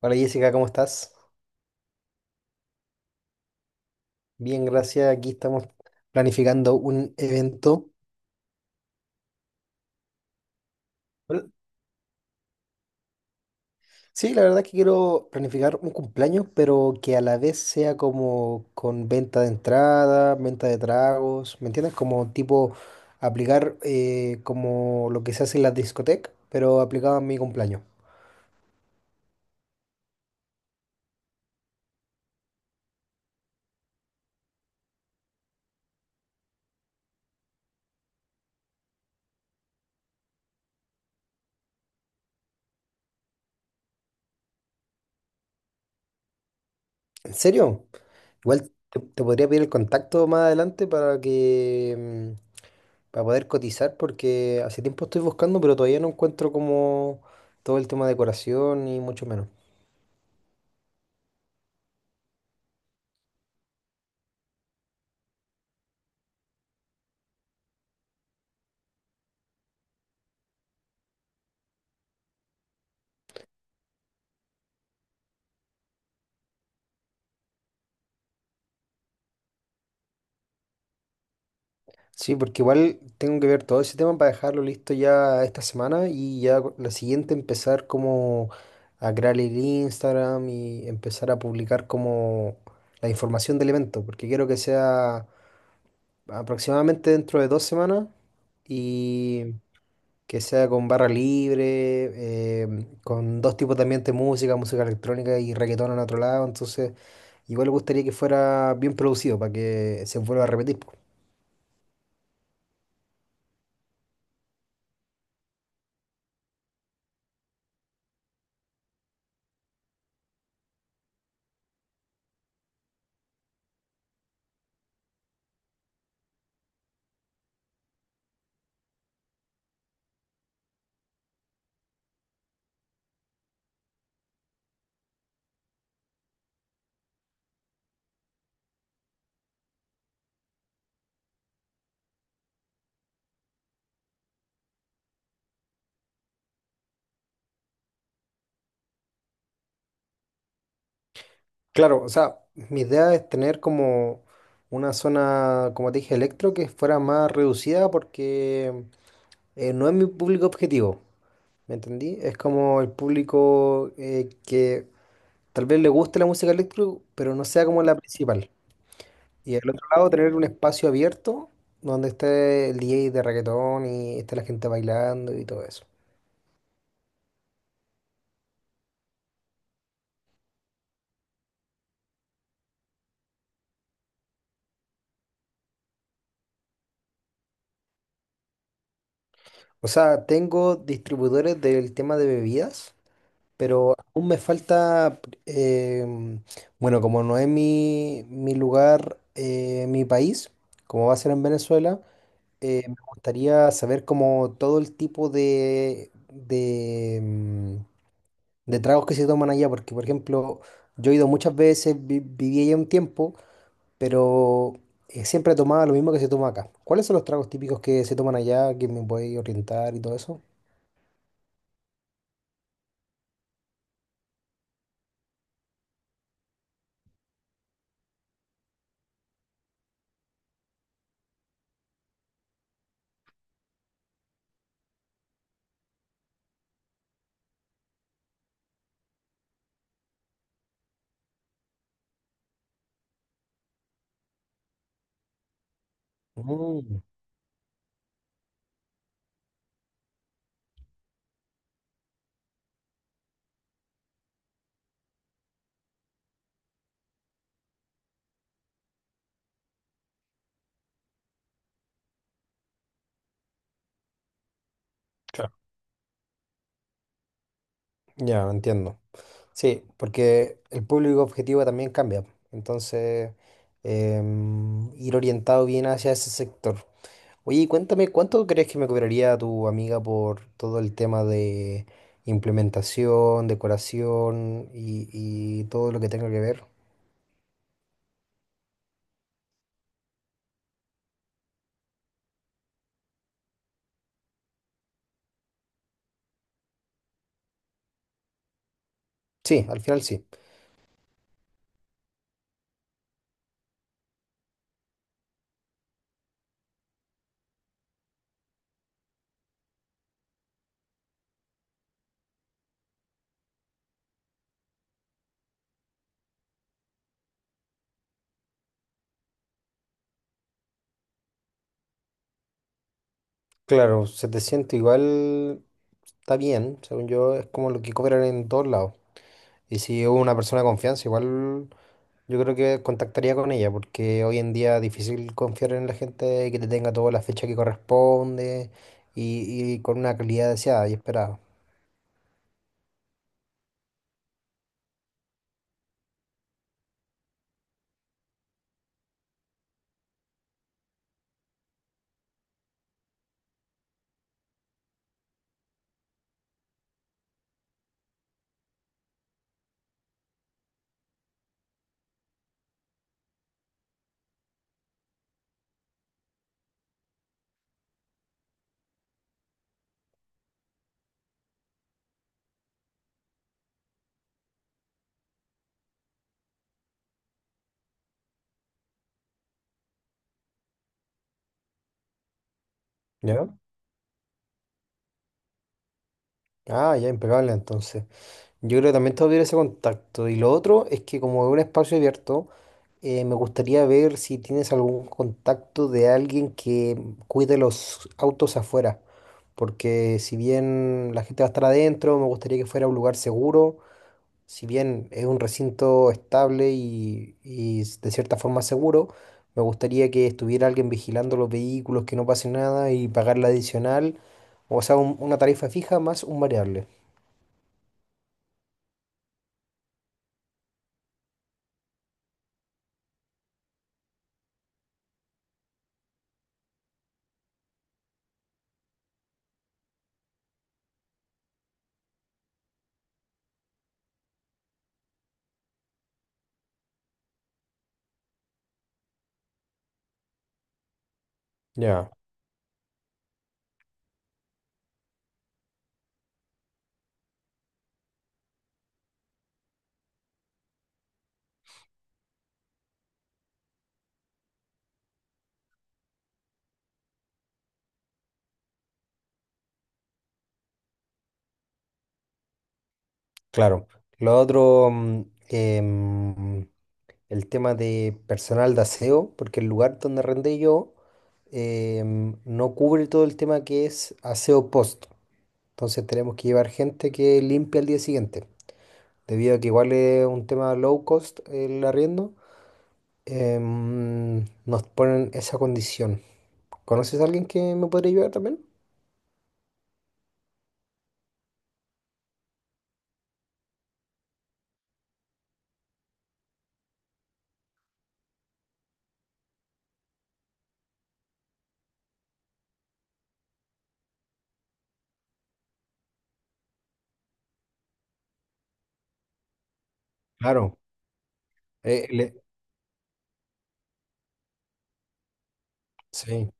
Hola Jessica, ¿cómo estás? Bien, gracias. Aquí estamos planificando un evento. Hola. Sí, la verdad es que quiero planificar un cumpleaños, pero que a la vez sea como con venta de entrada, venta de tragos, ¿me entiendes? Como tipo aplicar como lo que se hace en la discoteca, pero aplicado a mi cumpleaños. ¿En serio? Igual te podría pedir el contacto más adelante para que para poder cotizar porque hace tiempo estoy buscando, pero todavía no encuentro como todo el tema de decoración y mucho menos. Sí, porque igual tengo que ver todo ese tema para dejarlo listo ya esta semana y ya la siguiente empezar como a crear el Instagram y empezar a publicar como la información del evento, porque quiero que sea aproximadamente dentro de dos semanas y que sea con barra libre, con dos tipos de ambiente de música, música electrónica y reggaetón en otro lado, entonces igual me gustaría que fuera bien producido para que se vuelva a repetir. Po. Claro, o sea, mi idea es tener como una zona, como te dije, electro que fuera más reducida porque no es mi público objetivo, ¿me entendí? Es como el público que tal vez le guste la música electro, pero no sea como la principal. Y al otro lado tener un espacio abierto donde esté el DJ de reggaetón y esté la gente bailando y todo eso. O sea, tengo distribuidores del tema de bebidas, pero aún me falta, em, bueno, como no es mi lugar, mi país, como va a ser en Venezuela, me gustaría saber como todo el tipo de tragos que se toman allá, porque por ejemplo, yo he ido muchas veces, viví allá un tiempo. Pero siempre tomaba lo mismo que se toma acá. ¿Cuáles son los tragos típicos que se toman allá, que me voy a orientar y todo eso? Mm. Claro. Ya, entiendo. Sí, porque el público objetivo también cambia. Entonces, ir orientado bien hacia ese sector. Oye, y cuéntame, ¿cuánto crees que me cobraría tu amiga por todo el tema de implementación, decoración y todo lo que tenga que ver? Sí, al final sí. Claro, 700 igual está bien, según yo, es como lo que cobran en todos lados. Y si hubo una persona de confianza, igual yo creo que contactaría con ella, porque hoy en día es difícil confiar en la gente y que te tenga toda la fecha que corresponde y con una calidad deseada y esperada. ¿Ya? Ah, ya impecable entonces. Yo creo que también todavía ese contacto. Y lo otro es que como es un espacio abierto, me gustaría ver si tienes algún contacto de alguien que cuide los autos afuera. Porque si bien la gente va a estar adentro, me gustaría que fuera un lugar seguro. Si bien es un recinto estable y de cierta forma seguro, me gustaría que estuviera alguien vigilando los vehículos, que no pase nada y pagar la adicional. O sea, una tarifa fija más un variable. Ya. Claro. Lo otro, el tema de personal de aseo, porque el lugar donde arrendé yo no cubre todo el tema que es aseo post. Entonces tenemos que llevar gente que limpie al día siguiente. Debido a que igual es un tema low cost el arriendo, nos ponen esa condición. ¿Conoces a alguien que me podría ayudar también? Claro. Eh, le- sí.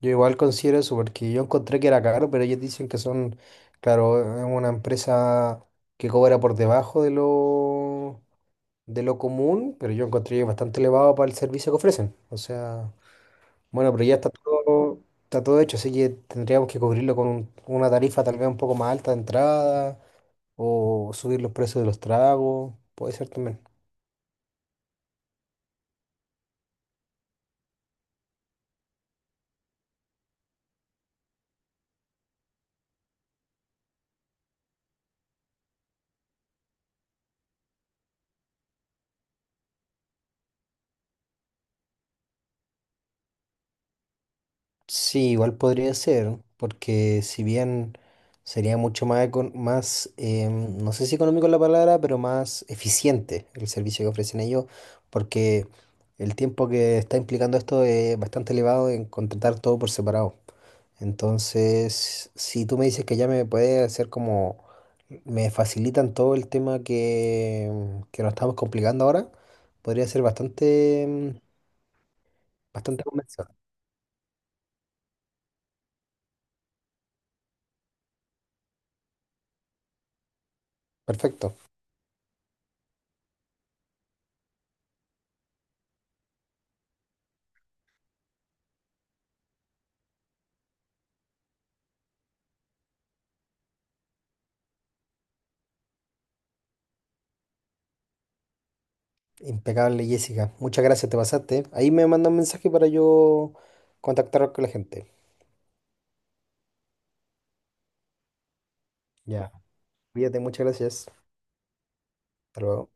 Yo igual considero eso porque yo encontré que era caro, pero ellos dicen que son, claro, es una empresa que cobra por debajo de lo común, pero yo encontré que es bastante elevado para el servicio que ofrecen. O sea, bueno, pero ya está todo hecho, así que tendríamos que cubrirlo con una tarifa tal vez un poco más alta de entrada o subir los precios de los tragos, puede ser también. Sí, igual podría ser, porque si bien sería mucho más no sé si económico es la palabra, pero más eficiente el servicio que ofrecen ellos, porque el tiempo que está implicando esto es bastante elevado en contratar todo por separado. Entonces, si tú me dices que ya me puede hacer como, me facilitan todo el tema que nos estamos complicando ahora, podría ser bastante convencido. Perfecto. Impecable, Jessica. Muchas gracias, te pasaste. Ahí me manda un mensaje para yo contactar con la gente. Ya. Cuídate, muchas gracias. Hasta luego.